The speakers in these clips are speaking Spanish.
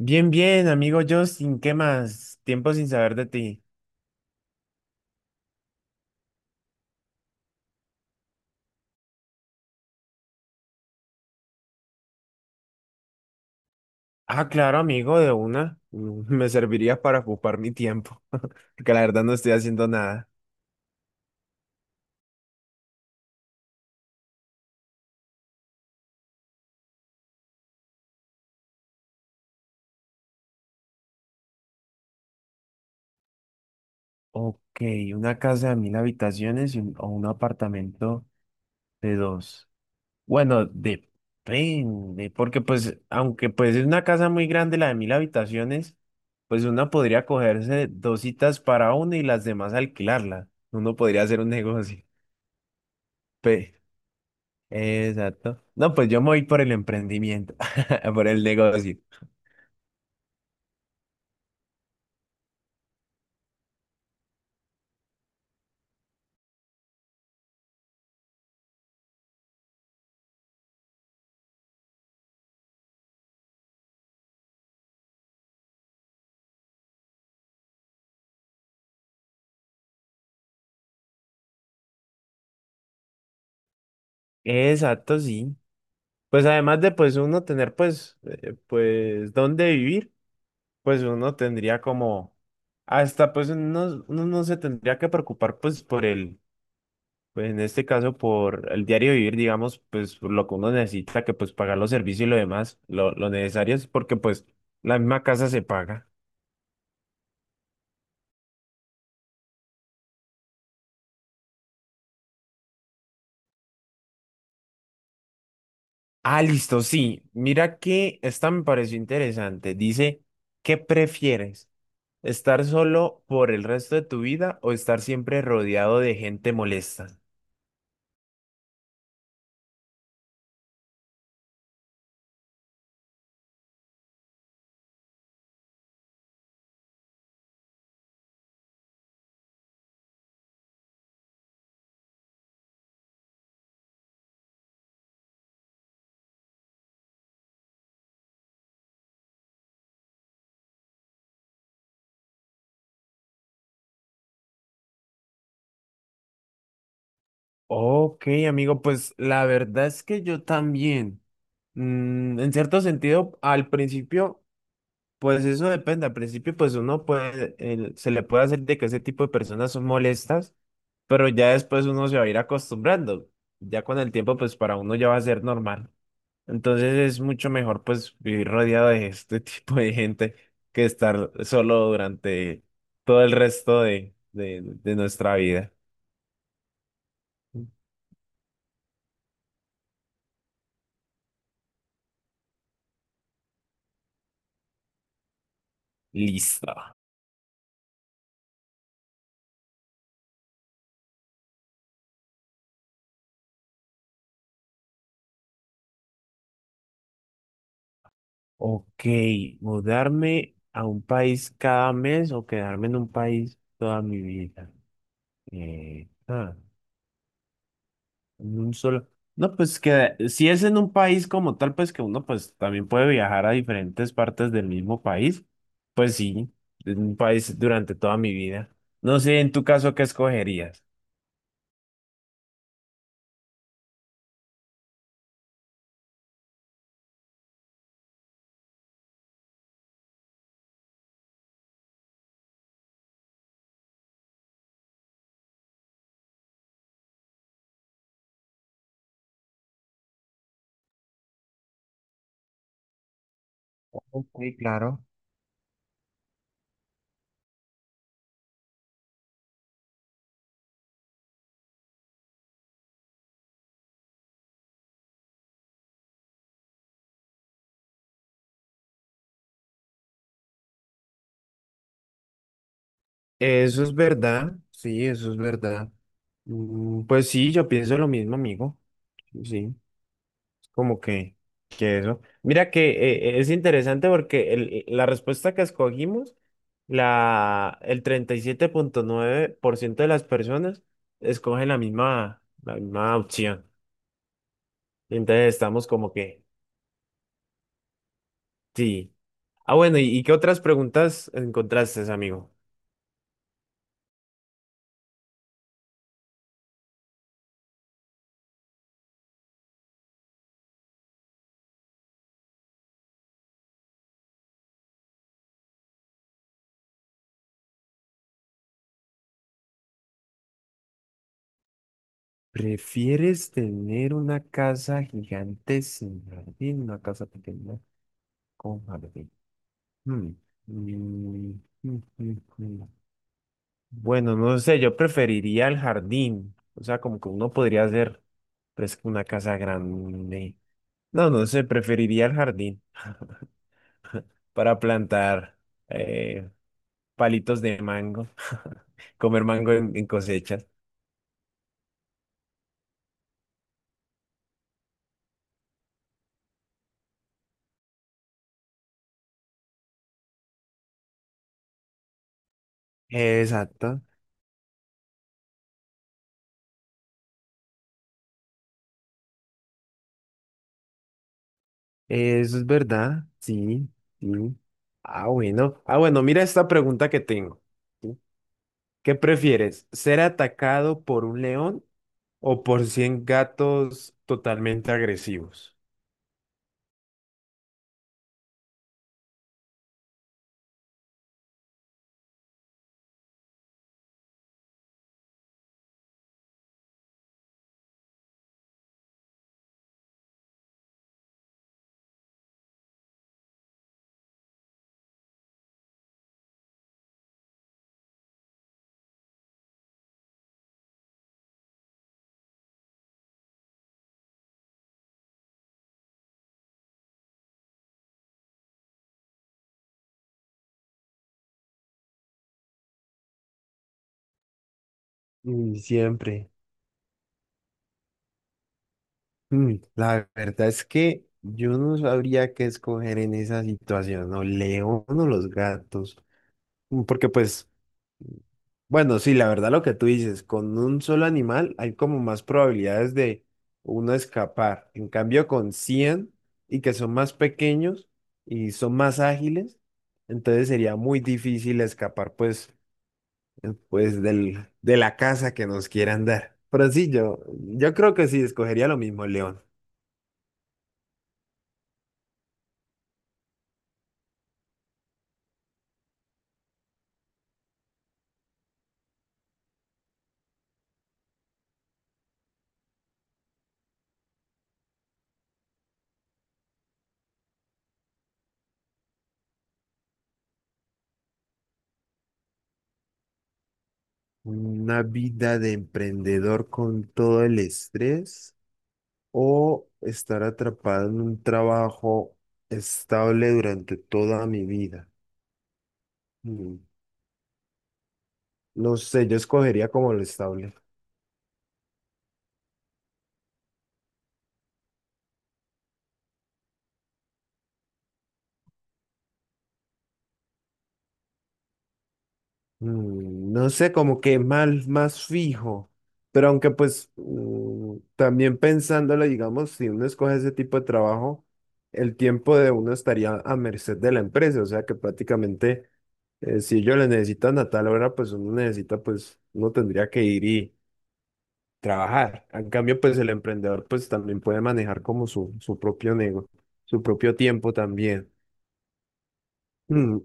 Bien, bien, amigo Justin, ¿qué más? Tiempo sin saber de ti. Ah, claro, amigo, de una. Me serviría para ocupar mi tiempo, porque la verdad no estoy haciendo nada. Ok, una casa de 1.000 habitaciones y o un apartamento de dos. Bueno, depende, porque pues, aunque pues es una casa muy grande la de 1.000 habitaciones, pues una podría cogerse dos citas para uno y las demás alquilarla. Uno podría hacer un negocio. Exacto. No, pues yo me voy por el emprendimiento, por el negocio. Exacto, sí. Pues además de pues uno tener pues pues dónde vivir, pues uno tendría como hasta pues uno no se tendría que preocupar pues por el pues en este caso por el diario vivir, digamos, pues por lo que uno necesita que pues pagar los servicios y lo demás, lo necesario es porque pues la misma casa se paga. Ah, listo, sí. Mira que esta me pareció interesante. Dice, ¿qué prefieres? ¿Estar solo por el resto de tu vida o estar siempre rodeado de gente molesta? Ok, amigo, pues la verdad es que yo también. En cierto sentido, al principio, pues eso depende. Al principio, pues uno puede, se le puede hacer de que ese tipo de personas son molestas, pero ya después uno se va a ir acostumbrando. Ya con el tiempo, pues para uno ya va a ser normal. Entonces es mucho mejor pues vivir rodeado de este tipo de gente que estar solo durante todo el resto de nuestra vida. Listo. Ok, mudarme a un país cada mes o quedarme en un país toda mi vida. Eh, ah. En un solo. No, pues que si es en un país como tal, pues que uno pues también puede viajar a diferentes partes del mismo país. Pues sí, en un país durante toda mi vida. No sé, en tu caso, ¿qué escogerías? Sí, claro. Eso es verdad, sí, eso es verdad. Pues sí, yo pienso lo mismo, amigo. Sí. Como que eso. Mira que es interesante porque la respuesta que escogimos, el 37,9% de las personas escogen la misma opción. Entonces estamos como que, sí. Ah, bueno, y qué otras preguntas encontraste, amigo? ¿Prefieres tener una casa gigante sin jardín, una casa pequeña con jardín? Hmm. Mm, mm, mm, mm. Bueno, no sé, yo preferiría el jardín. O sea, como que uno podría hacer pues, una casa grande. No, no sé, preferiría el jardín para plantar eh, palitos de mango, comer mango en cosechas. Exacto, eso es verdad, sí, sí. Ah, bueno. Ah, bueno, mira esta pregunta que tengo. ¿Sí? ¿Qué prefieres? ¿Ser atacado por un león o por 100 gatos totalmente agresivos? Mm, Siempre. La verdad es que yo no sabría qué escoger en esa situación, o león o los gatos. Porque pues, bueno, sí, la verdad lo que tú dices, con un solo animal hay como más probabilidades de uno escapar. En cambio, con 100 y que son más pequeños y son más ágiles, entonces sería muy difícil escapar pues, pues de la casa que nos quieran dar. Pero sí, yo creo que sí, escogería lo mismo, león. Una vida de emprendedor con todo el estrés o estar atrapado en un trabajo estable durante toda mi vida. Mm, No sé, yo escogería como lo estable. No sé, como que más, más fijo. Pero aunque pues también pensándolo, digamos, si uno escoge ese tipo de trabajo, el tiempo de uno estaría a merced de la empresa. O sea que prácticamente si ellos le necesitan a tal hora, pues uno necesita, pues uno tendría que ir y trabajar. En cambio, pues el emprendedor pues también puede manejar como su propio negocio, su propio tiempo también. Mm,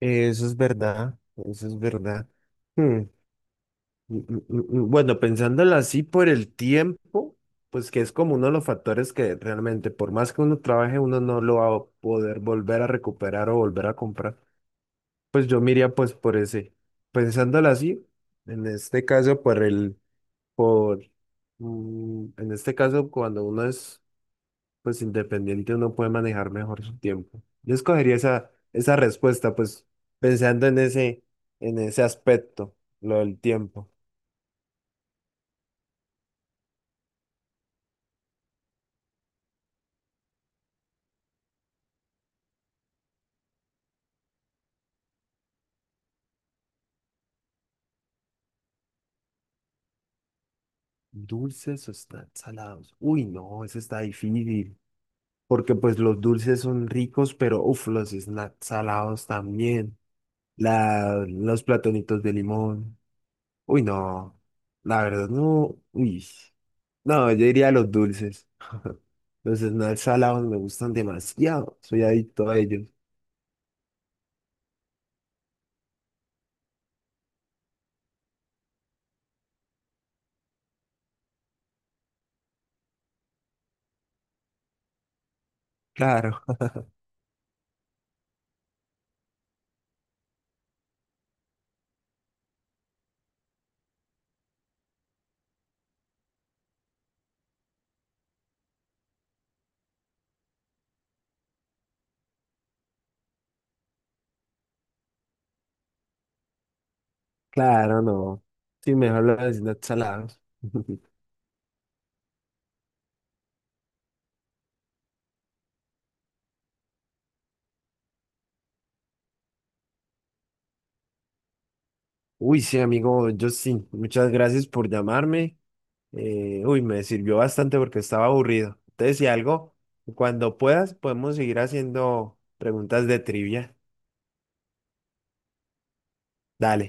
eso es verdad, eso es verdad. Mm, mm. Bueno, pensándolo así por el tiempo, pues que es como uno de los factores que realmente, por más que uno trabaje, uno no lo va a poder volver a recuperar o volver a comprar. Pues yo miraría pues por ese, pensándolo así, en este caso por el, por, en este caso cuando uno es pues independiente, uno puede manejar mejor su tiempo. Yo escogería esa respuesta, pues pensando en ese aspecto, lo del tiempo. Dulces o están salados. Uy, no, eso está difícil. Porque pues los dulces son ricos, pero uff, los snacks salados también. La, los platonitos de limón. Uy, no. La verdad, no. Uy. No, yo diría los dulces. Los snacks salados me gustan demasiado. Soy adicto a ellos. Claro, claro, no. Sí, mejor los snacks salados. Uy, sí, amigo yo sí, muchas gracias por llamarme. Uy, me sirvió bastante porque estaba aburrido. Entonces, si algo, cuando puedas, podemos seguir haciendo preguntas de trivia. Dale.